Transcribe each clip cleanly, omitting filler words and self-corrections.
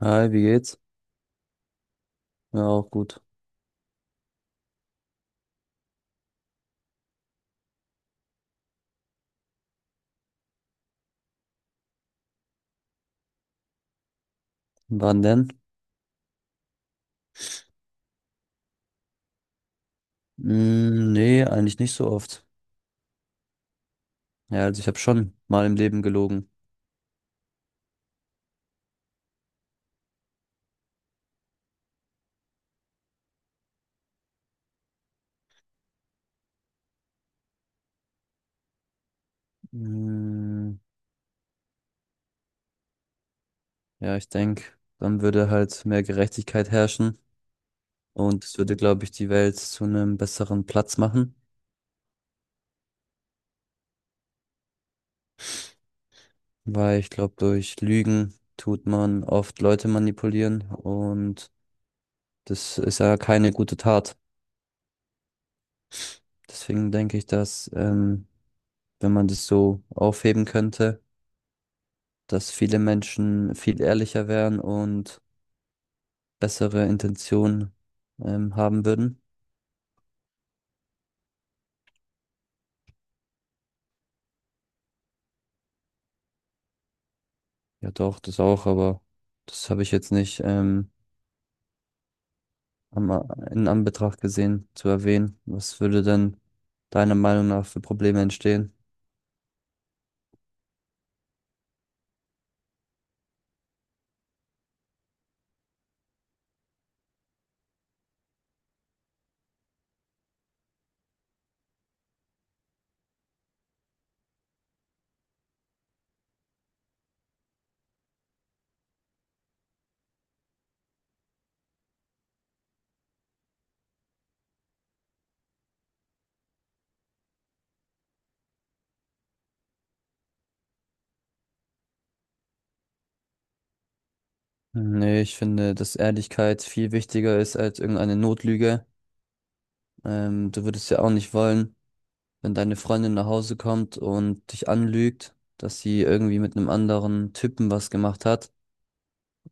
Hi, wie geht's? Ja, auch gut. Wann denn? Mm, nee, eigentlich nicht so oft. Ja, also ich habe schon mal im Leben gelogen. Mm, ja, ich denke, dann würde halt mehr Gerechtigkeit herrschen und es würde, glaube ich, die Welt zu einem besseren Platz machen, weil ich glaube, durch Lügen tut man oft Leute manipulieren und das ist ja keine gute Tat. Deswegen denke ich, dass wenn man das so aufheben könnte, dass viele Menschen viel ehrlicher wären und bessere Intentionen haben würden. Ja, doch, das auch, aber das habe ich jetzt nicht am, in Anbetracht gesehen zu erwähnen. Was würde denn deiner Meinung nach für Probleme entstehen? Nee, ich finde, dass Ehrlichkeit viel wichtiger ist als irgendeine Notlüge. Du würdest ja auch nicht wollen, wenn deine Freundin nach Hause kommt und dich anlügt, dass sie irgendwie mit einem anderen Typen was gemacht hat.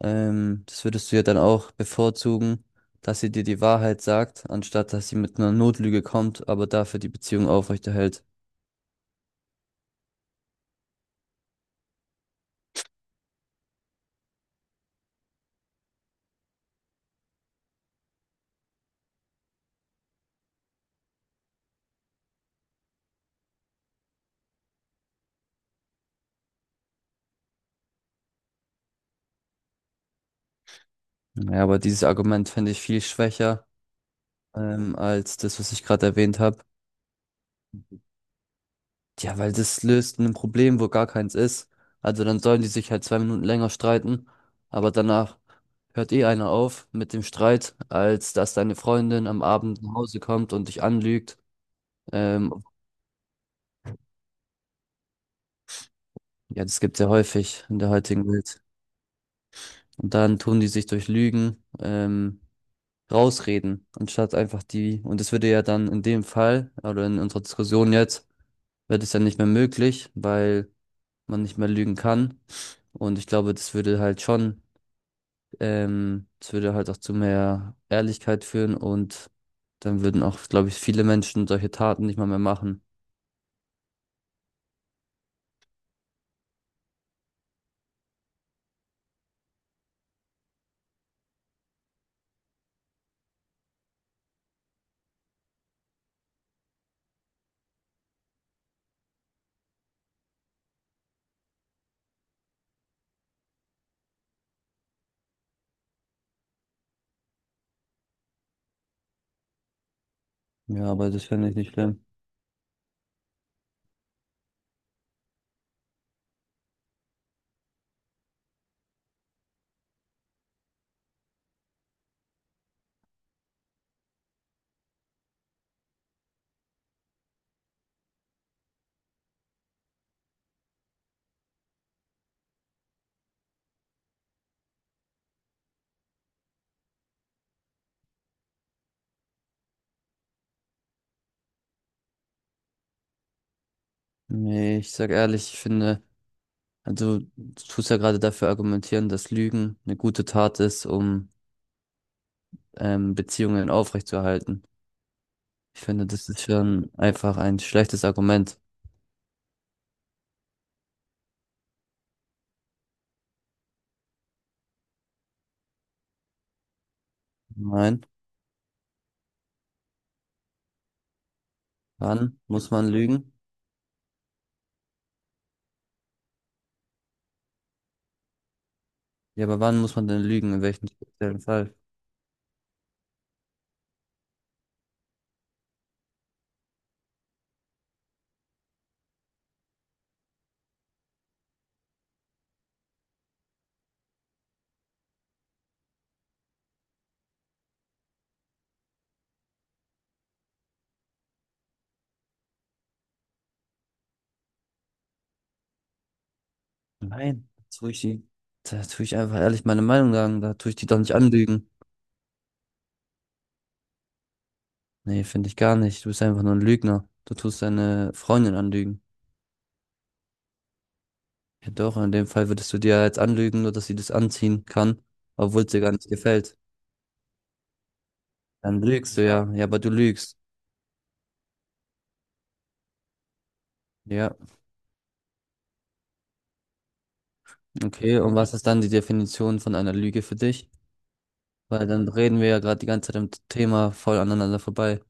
Das würdest du ja dann auch bevorzugen, dass sie dir die Wahrheit sagt, anstatt dass sie mit einer Notlüge kommt, aber dafür die Beziehung aufrechterhält. Ja, aber dieses Argument finde ich viel schwächer, als das, was ich gerade erwähnt habe. Ja, weil das löst ein Problem, wo gar keins ist. Also dann sollen die sich halt zwei Minuten länger streiten, aber danach hört eh einer auf mit dem Streit, als dass deine Freundin am Abend nach Hause kommt und dich anlügt. Ähm, ja, das gibt's ja häufig in der heutigen Welt. Und dann tun die sich durch Lügen rausreden, anstatt einfach die, und das würde ja dann in dem Fall, oder in unserer Diskussion jetzt, wird es ja nicht mehr möglich, weil man nicht mehr lügen kann. Und ich glaube, das würde halt schon, das würde halt auch zu mehr Ehrlichkeit führen und dann würden auch, glaube ich, viele Menschen solche Taten nicht mal mehr machen. Ja, aber das finde ich nicht schlimm. Nee, ich sag ehrlich, ich finde, also du tust ja gerade dafür argumentieren, dass Lügen eine gute Tat ist, um Beziehungen aufrechtzuerhalten. Ich finde, das ist schon einfach ein schlechtes Argument. Nein, wann muss man lügen? Ja, aber wann muss man denn lügen? In welchem speziellen Fall? Nein, da tue ich die, da tue ich einfach ehrlich meine Meinung sagen, da tue ich die doch nicht anlügen. Nee, finde ich gar nicht. Du bist einfach nur ein Lügner. Du tust deine Freundin anlügen. Ja doch, in dem Fall würdest du dir jetzt anlügen, nur dass sie das anziehen kann, obwohl es dir gar nicht gefällt. Dann lügst du ja. Ja, aber du lügst. Ja. Okay, und was ist dann die Definition von einer Lüge für dich? Weil dann reden wir ja gerade die ganze Zeit im Thema voll aneinander vorbei.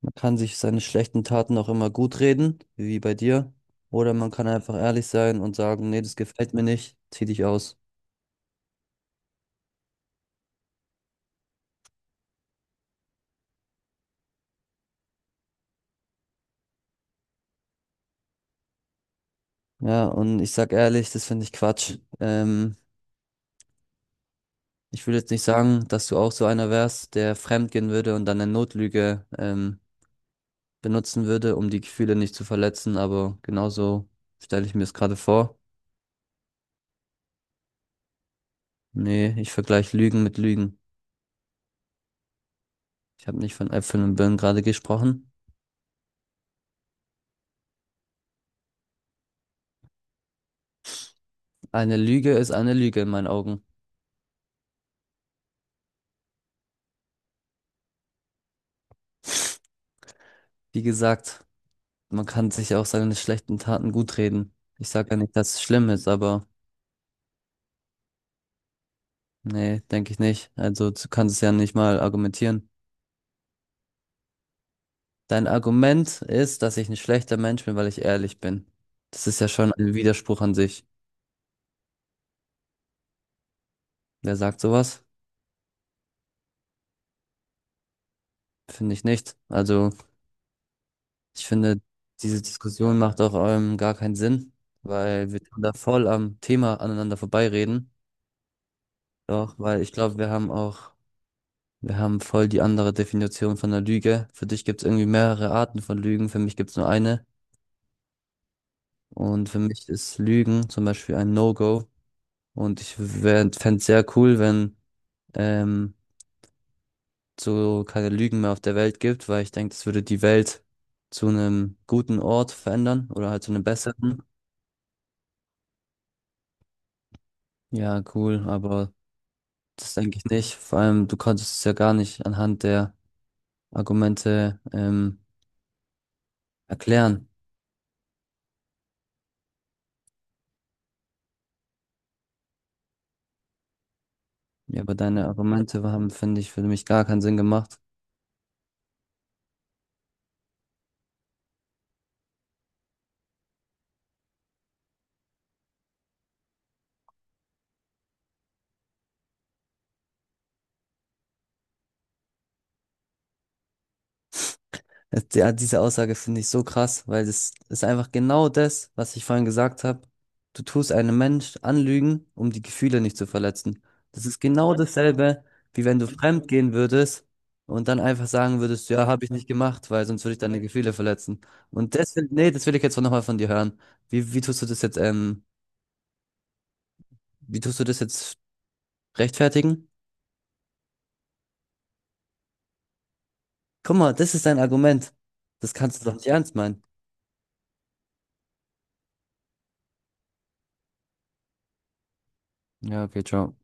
Man kann sich seine schlechten Taten auch immer gut reden, wie bei dir. Oder man kann einfach ehrlich sein und sagen, nee, das gefällt mir nicht, zieh dich aus. Ja, und ich sag ehrlich, das finde ich Quatsch. Ich will jetzt nicht sagen, dass du auch so einer wärst, der fremdgehen würde und dann eine Notlüge, benutzen würde, um die Gefühle nicht zu verletzen, aber genauso stelle ich mir es gerade vor. Nee, ich vergleiche Lügen mit Lügen. Ich habe nicht von Äpfeln und Birnen gerade gesprochen. Eine Lüge ist eine Lüge in meinen Augen. Wie gesagt, man kann sich auch seine schlechten Taten gut reden. Ich sage ja nicht, dass es schlimm ist, aber nee, denke ich nicht. Also du kannst es ja nicht mal argumentieren. Dein Argument ist, dass ich ein schlechter Mensch bin, weil ich ehrlich bin. Das ist ja schon ein Widerspruch an sich. Wer sagt sowas? Finde ich nicht. Also ich finde, diese Diskussion macht auch gar keinen Sinn, weil wir tun da voll am Thema aneinander vorbeireden. Doch, weil ich glaube, wir haben voll die andere Definition von der Lüge. Für dich gibt es irgendwie mehrere Arten von Lügen, für mich gibt es nur eine. Und für mich ist Lügen zum Beispiel ein No-Go. Und ich fände es sehr cool, wenn ähm, so keine Lügen mehr auf der Welt gibt, weil ich denke, das würde die Welt zu einem guten Ort verändern oder halt zu einem besseren. Ja, cool, aber das denke ich nicht. Vor allem, du konntest es ja gar nicht anhand der Argumente erklären. Ja, aber deine Argumente haben, finde ich, für mich gar keinen Sinn gemacht. Ja, diese Aussage finde ich so krass, weil das ist einfach genau das, was ich vorhin gesagt habe. Du tust einem Mensch anlügen, um die Gefühle nicht zu verletzen. Das ist genau dasselbe, wie wenn du fremd gehen würdest und dann einfach sagen würdest, ja, habe ich nicht gemacht, weil sonst würde ich deine Gefühle verletzen. Und das, nee, das will ich jetzt nochmal von dir hören. Wie tust du das jetzt, wie tust du das jetzt rechtfertigen? Guck mal, das ist dein Argument. Das kannst du doch nicht ernst meinen. Ja, okay, ciao.